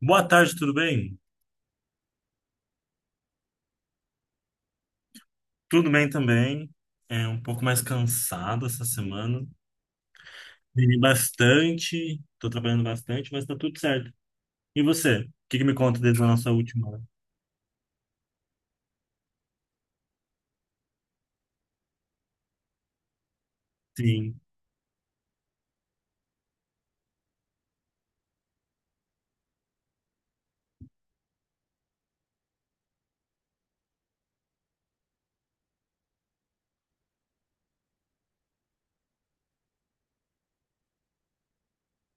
Boa tarde, tudo bem? Tudo bem também. É um pouco mais cansado essa semana. Dormi bastante, tô trabalhando bastante, mas tá tudo certo. E você? O que que me conta desde a nossa última? Sim,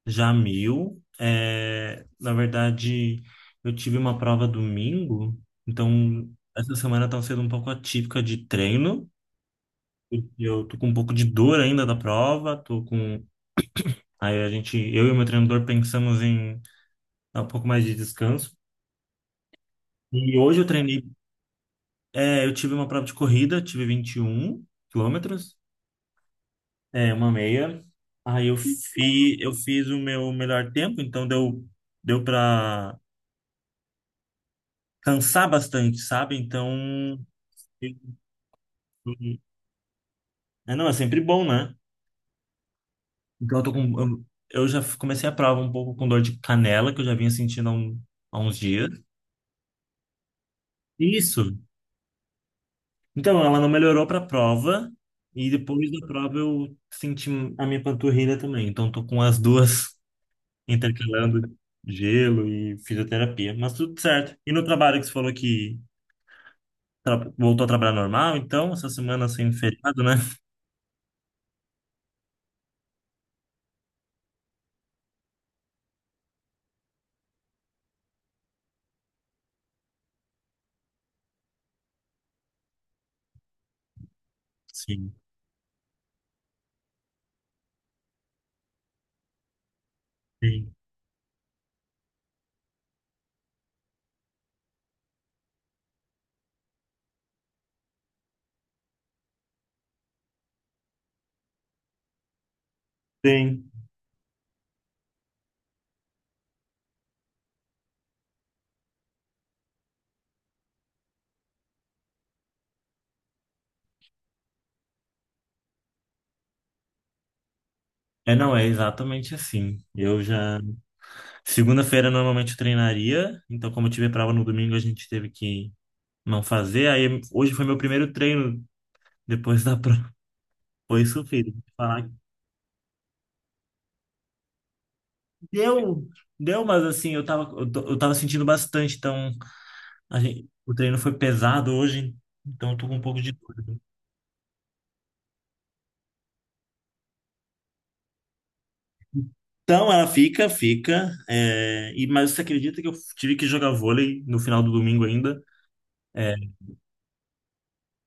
Jamil. É, na verdade, eu tive uma prova domingo, então essa semana tá sendo um pouco atípica de treino. Porque eu tô com um pouco de dor ainda da prova, tô com. Aí a gente, eu e o meu treinador pensamos em dar um pouco mais de descanso. E hoje eu treinei. É, eu tive uma prova de corrida, tive 21 quilômetros, é, uma meia. Aí eu fiz o meu melhor tempo, então deu para cansar bastante, sabe? Então, eu- é, não, é sempre bom, né? Então eu já comecei a prova um pouco com dor de canela, que eu já vinha sentindo há uns dias. Isso. Então, ela não melhorou para a prova, e depois da prova eu senti a minha panturrilha também. Então, tô com as duas intercalando gelo e fisioterapia, mas tudo certo. E no trabalho que você falou que voltou a trabalhar normal, então, essa semana sem feriado, né? Sim, sim, sim. É, não, é exatamente assim. Eu já. Segunda-feira normalmente eu treinaria, então, como eu tive prova no domingo, a gente teve que não fazer. Aí hoje foi meu primeiro treino depois da prova. Foi sofrido. Falar que deu, deu, mas assim, eu tava sentindo bastante, então. A gente, o treino foi pesado hoje, então eu tô com um pouco de dúvida. Então ela fica, mas você acredita que eu tive que jogar vôlei no final do domingo ainda? É,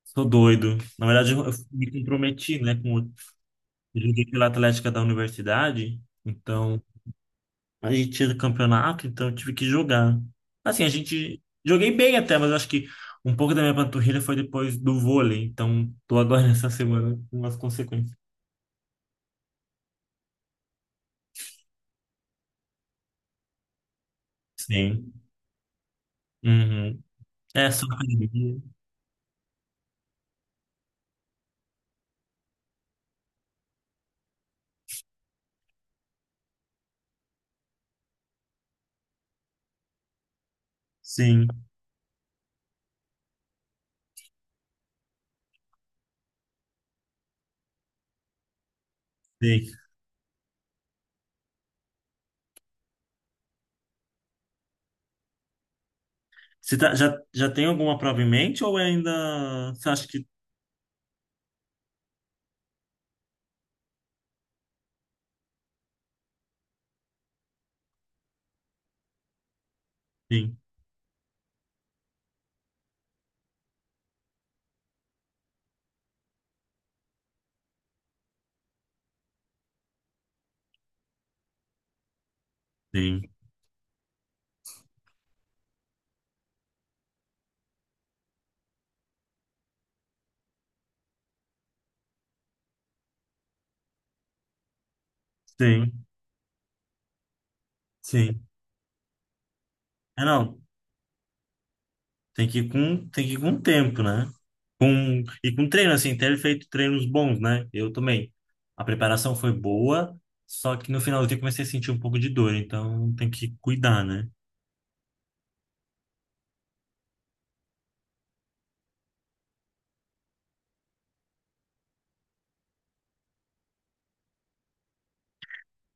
sou doido. Na verdade, eu me comprometi, né? Eu joguei pela Atlética da universidade, então a gente tinha campeonato, então eu tive que jogar. Assim, a gente joguei bem até, mas eu acho que um pouco da minha panturrilha foi depois do vôlei, então tô agora nessa semana com as consequências. Sim. Uhum. É só academia. Sim, sim. Já, já tem alguma prova em mente ou ainda você acha que sim, sim, sim, sim. É, não, tem que tem que ir com tempo, né? Com, e com treino, assim, ter feito treinos bons, né? Eu também. A preparação foi boa, só que no final finalzinho eu comecei a sentir um pouco de dor, então tem que cuidar, né?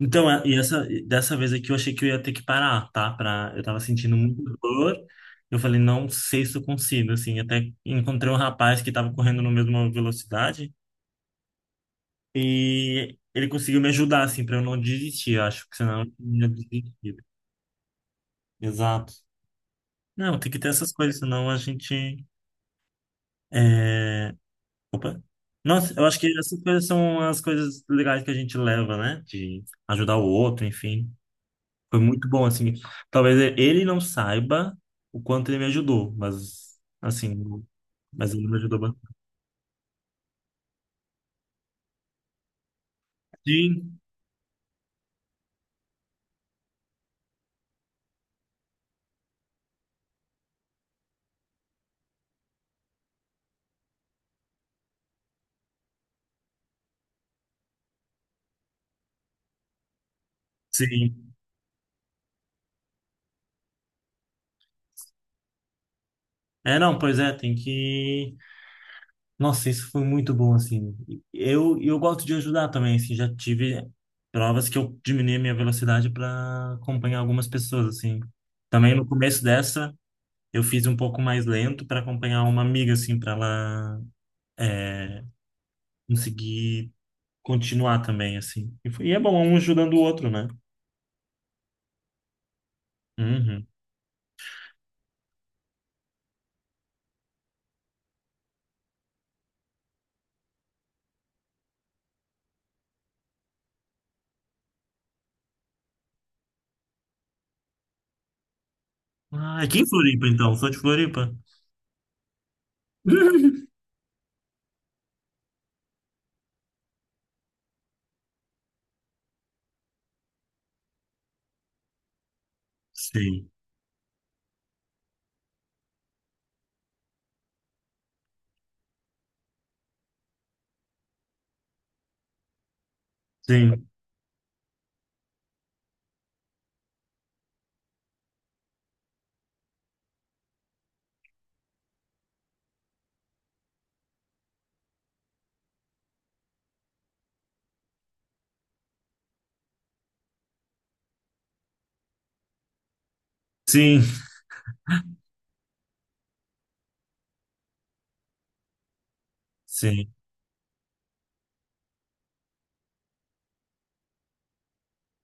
E essa, dessa vez aqui eu achei que eu ia ter que parar, tá? Pra, eu tava sentindo muito dor. Eu falei, não sei se eu consigo, assim. Até encontrei um rapaz que tava correndo na mesma velocidade e ele conseguiu me ajudar, assim, pra eu não desistir. Eu acho que senão eu tinha desistido. Exato. Não, tem que ter essas coisas, senão a gente. É... Opa. Nossa, eu acho que essas coisas são as coisas legais que a gente leva, né? De ajudar o outro, enfim. Foi muito bom, assim. Talvez ele não saiba o quanto ele me ajudou, mas, assim, mas ele me ajudou bastante. Sim, sim. É, não, pois é, tem que... Nossa, isso foi muito bom, assim. Eu gosto de ajudar também, assim, já tive provas que eu diminui a minha velocidade para acompanhar algumas pessoas, assim. Também no começo dessa, eu fiz um pouco mais lento para acompanhar uma amiga, assim, para ela é, conseguir continuar também, assim. Foi, e é bom, um ajudando o outro, né? Uhum. Ah, aqui em Floripa, então. Sou de Floripa. Sim, sim, sim, sim,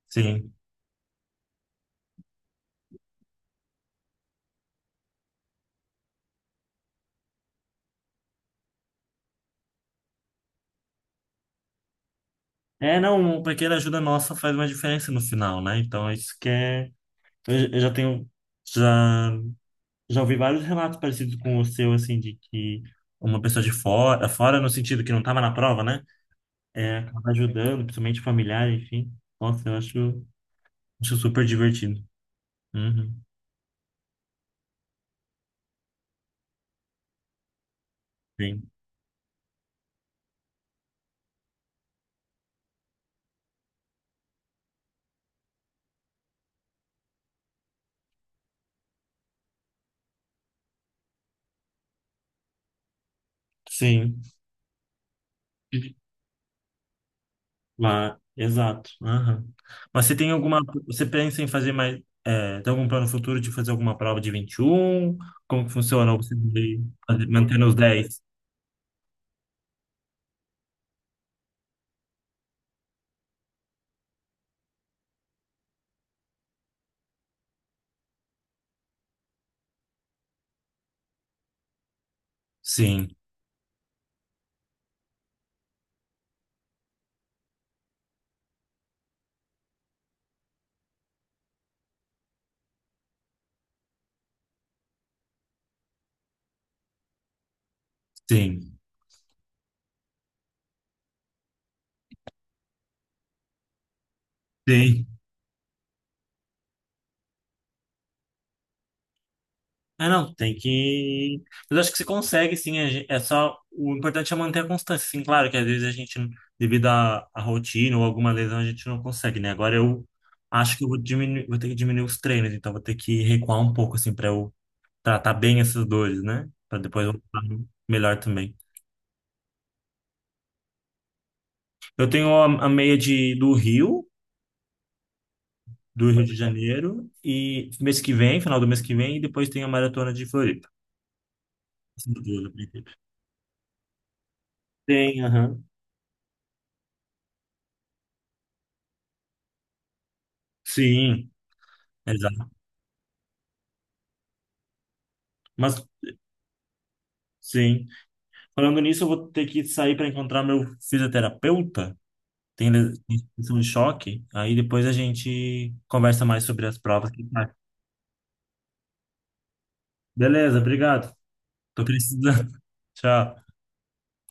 sim. É, não, uma pequena ajuda nossa faz uma diferença no final, né? Então, é isso que é... eu já tenho... Já, já ouvi vários relatos parecidos com o seu, assim, de que uma pessoa de fora, fora no sentido que não estava na prova, né? É, acaba ajudando, principalmente familiar, enfim. Nossa, acho super divertido. Uhum. Sim, sim. Lá, exato. Aham. Mas você tem alguma. Você pensa em fazer mais. É, tem algum plano futuro de fazer alguma prova de 21? Como que funciona? Ou você vai mantendo os 10? Sim, sim, sim. Ah, não, tem que. Mas acho que você consegue, sim. É só. O importante é manter a constância. Sim, claro que às vezes a gente, devido à, à rotina ou alguma lesão, a gente não consegue, né? Agora eu acho que eu vou diminuir, vou ter que diminuir os treinos, então vou ter que recuar um pouco, assim, para eu tratar bem essas dores, né? Pra depois voltar melhor também. Eu tenho a meia de, do Rio de Janeiro, e mês que vem, final do mês que vem, e depois tem a maratona de Floripa. Essas duas eu pretendo. Tem, aham. Sim, exato. Mas, sim. Falando nisso, eu vou ter que sair para encontrar meu fisioterapeuta. Tem questão de choque. Aí depois a gente conversa mais sobre as provas. Que tá. Beleza, obrigado. Tô precisando. Tchau.